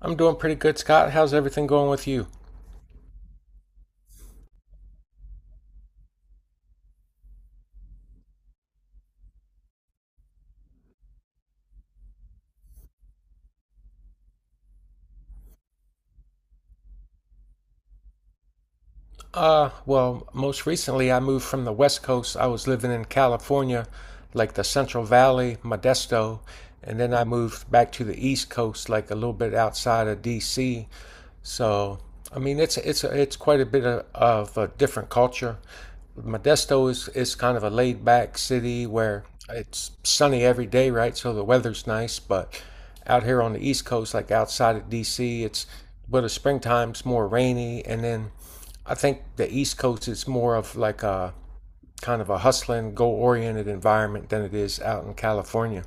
I'm doing pretty good, Scott. How's everything going with you? Well, most recently I moved from the West Coast. I was living in California, like the Central Valley, Modesto, and then I moved back to the East Coast, like a little bit outside of DC. So, I mean, it's quite a bit of a different culture. Modesto is kind of a laid back city where it's sunny every day, right? So the weather's nice, but out here on the East Coast, like outside of DC, it's but the springtime's more rainy, and then I think the East Coast is more of like a kind of a hustling, goal oriented environment than it is out in California.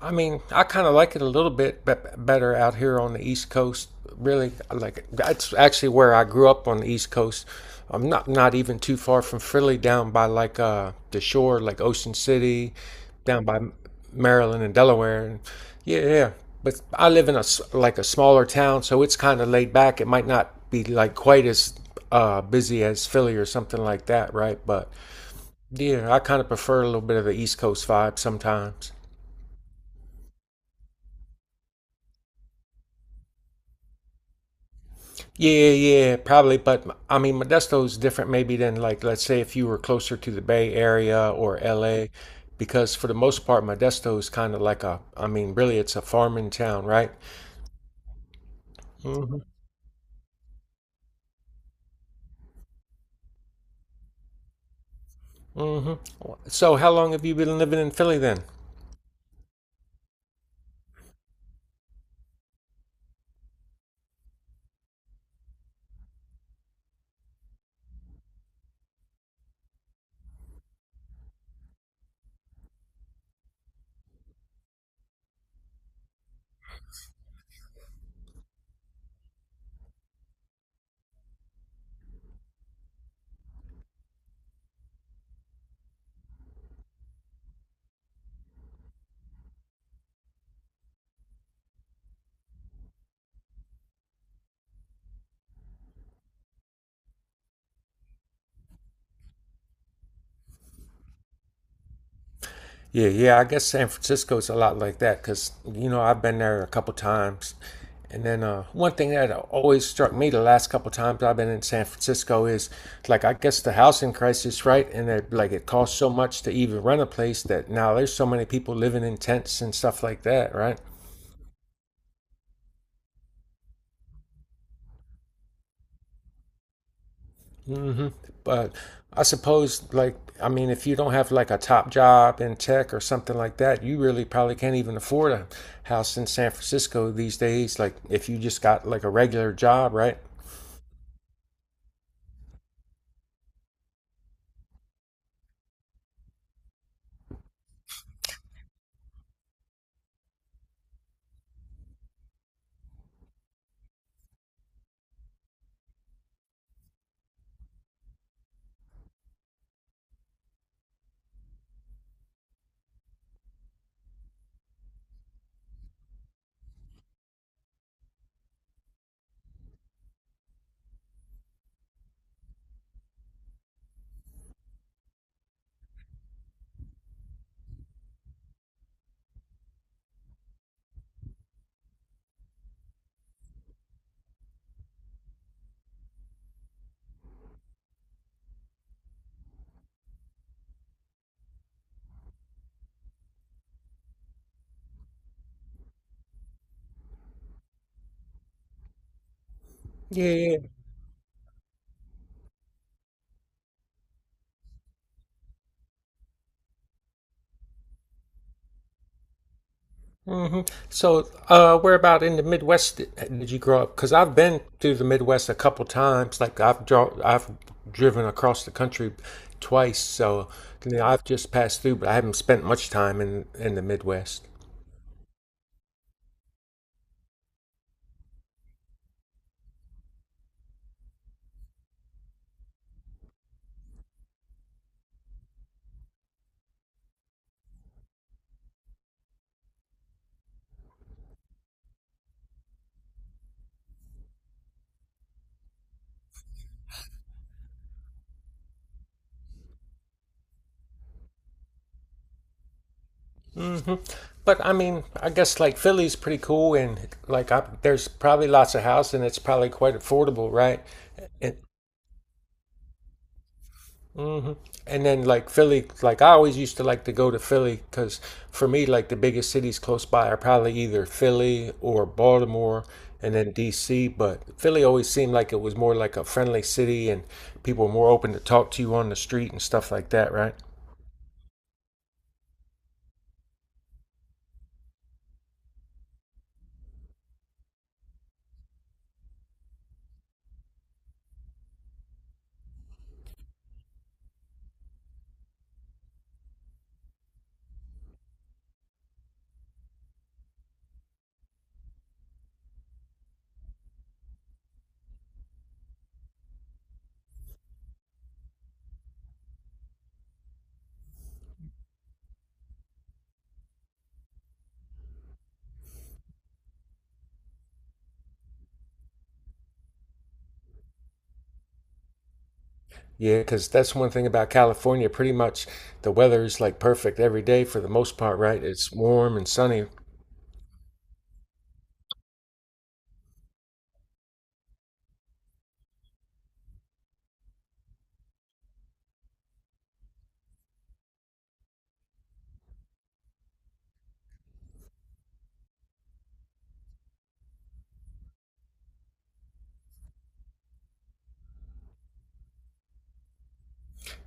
I mean, I kind of like it a little bit better out here on the East Coast. Really, I like it. That's actually where I grew up, on the East Coast. I'm not even too far from Philly, down by like the shore, like Ocean City, down by Maryland and Delaware. And yeah, yeah. But I live in a like a smaller town, so it's kind of laid back. It might not be like quite as busy as Philly or something like that, right? But yeah, I kind of prefer a little bit of the East Coast vibe sometimes. Yeah, yeah, yeah, probably. But I mean, Modesto's different maybe than, like, let's say if you were closer to the Bay Area or LA, because for the most part, Modesto is kind of like a, I mean, really, it's a farming town, right? Mm-hmm. Mm-hmm. So how long have you been living in Philly then? Yeah, yeah. I guess San Francisco's a lot like that because you know I've been there a couple times, and then one thing that always struck me the last couple times I've been in San Francisco is like I guess the housing crisis, right? Like it costs so much to even rent a place that now there's so many people living in tents and stuff like that, right? Hmm. But I suppose, like, I mean, if you don't have like a top job in tech or something like that, you really probably can't even afford a house in San Francisco these days. Like, if you just got like a regular job, right? Yeah, yeah. Hmm. So, where about in the Midwest did you grow up? Because I've been to the Midwest a couple times. Like, I've driven across the country twice. So, you know, I've just passed through, but I haven't spent much time in the Midwest. But I mean, I guess like Philly's pretty cool, and like I, there's probably lots of house, and it's probably quite affordable, right? And and then like Philly, like I always used to like to go to Philly because for me, like the biggest cities close by are probably either Philly or Baltimore, and then DC. But Philly always seemed like it was more like a friendly city, and people were more open to talk to you on the street and stuff like that, right? Yeah, because that's one thing about California. Pretty much the weather is like perfect every day for the most part, right? It's warm and sunny.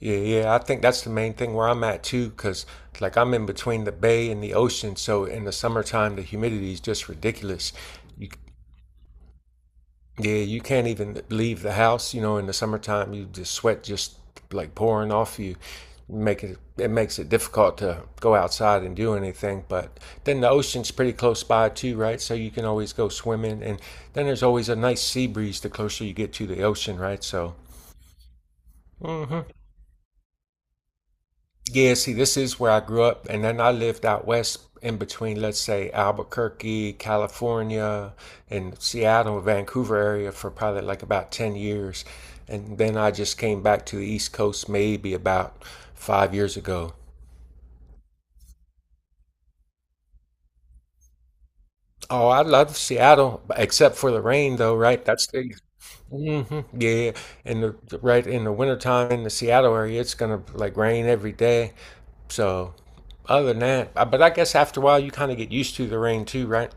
Yeah, yeah. I think that's the main thing where I'm at too, because like I'm in between the bay and the ocean. So in the summertime, the humidity is just ridiculous. You… Yeah, you can't even leave the house. You know, in the summertime, you just sweat just like pouring off you. Make it it makes it difficult to go outside and do anything. But then the ocean's pretty close by too, right? So you can always go swimming, and then there's always a nice sea breeze the closer you get to the ocean, right? So… Hmm. Yeah, see, this is where I grew up, and then I lived out west in between, let's say, Albuquerque, California, and Seattle, Vancouver area for probably like about 10 years. And then I just came back to the East Coast maybe about 5 years ago. Oh, I love Seattle, except for the rain, though, right? That's the… Hmm. Yeah, and right in the wintertime in the Seattle area, it's gonna like rain every day. So, other than that, but I guess after a while you kind of get used to the rain too, right?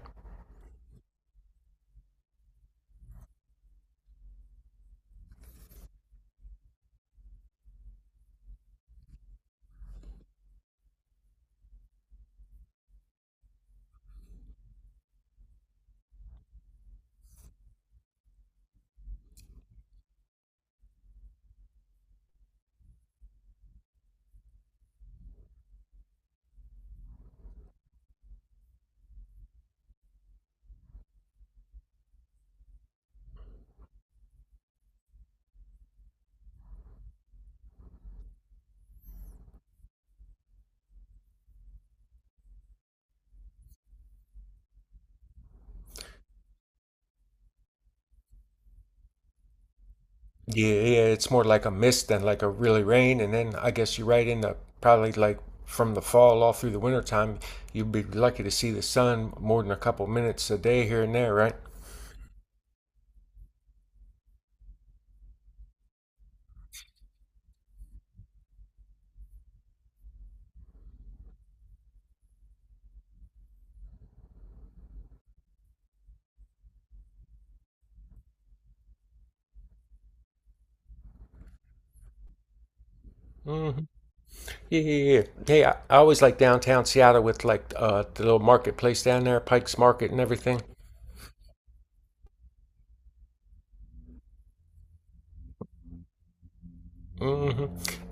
Yeah, yeah, it's more like a mist than like a really rain. And then I guess you're right in the probably like from the fall all through the wintertime, you'd be lucky to see the sun more than a couple minutes a day here and there, right? Hmm. Yeah, yeah, yeah. Hey, I always like downtown Seattle with like the little marketplace down there, Pike's Market and everything. Mm hmm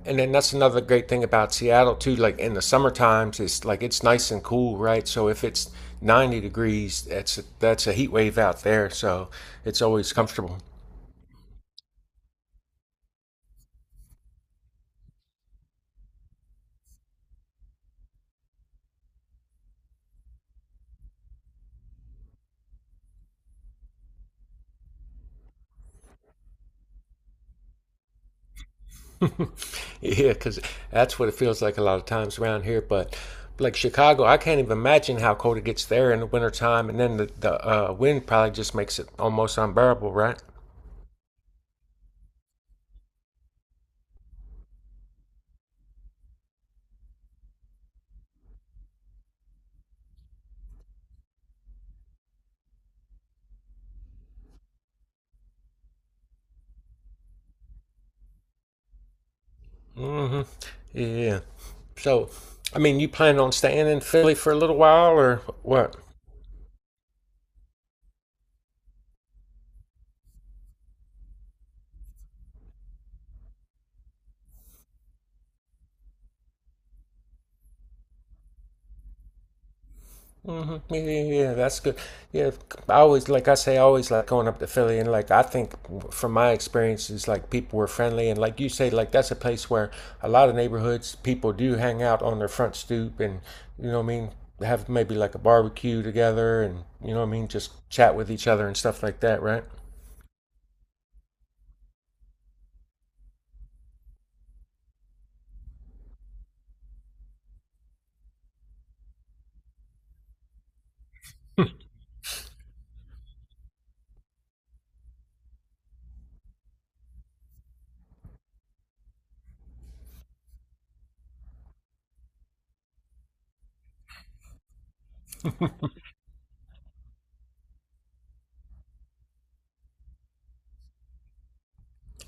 And then that's another great thing about Seattle too. Like in the summer times, it's like it's nice and cool, right? So if it's 90 degrees, that's a heat wave out there. So it's always comfortable. Yeah, because that's what it feels like a lot of times around here. But like Chicago, I can't even imagine how cold it gets there in the wintertime. And then the wind probably just makes it almost unbearable, right? mm hmm Yeah. So, I mean, you plan on staying in Philly for a little while or what? Hmm. Yeah, yeah, yeah, that's good. Yeah, I always like I say, I always like going up to Philly, and like I think from my experiences, like people were friendly, and like you say, like that's a place where a lot of neighborhoods people do hang out on their front stoop, and you know what I mean, have maybe like a barbecue together, and you know what I mean, just chat with each other and stuff like that, right?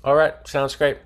All right, sounds great.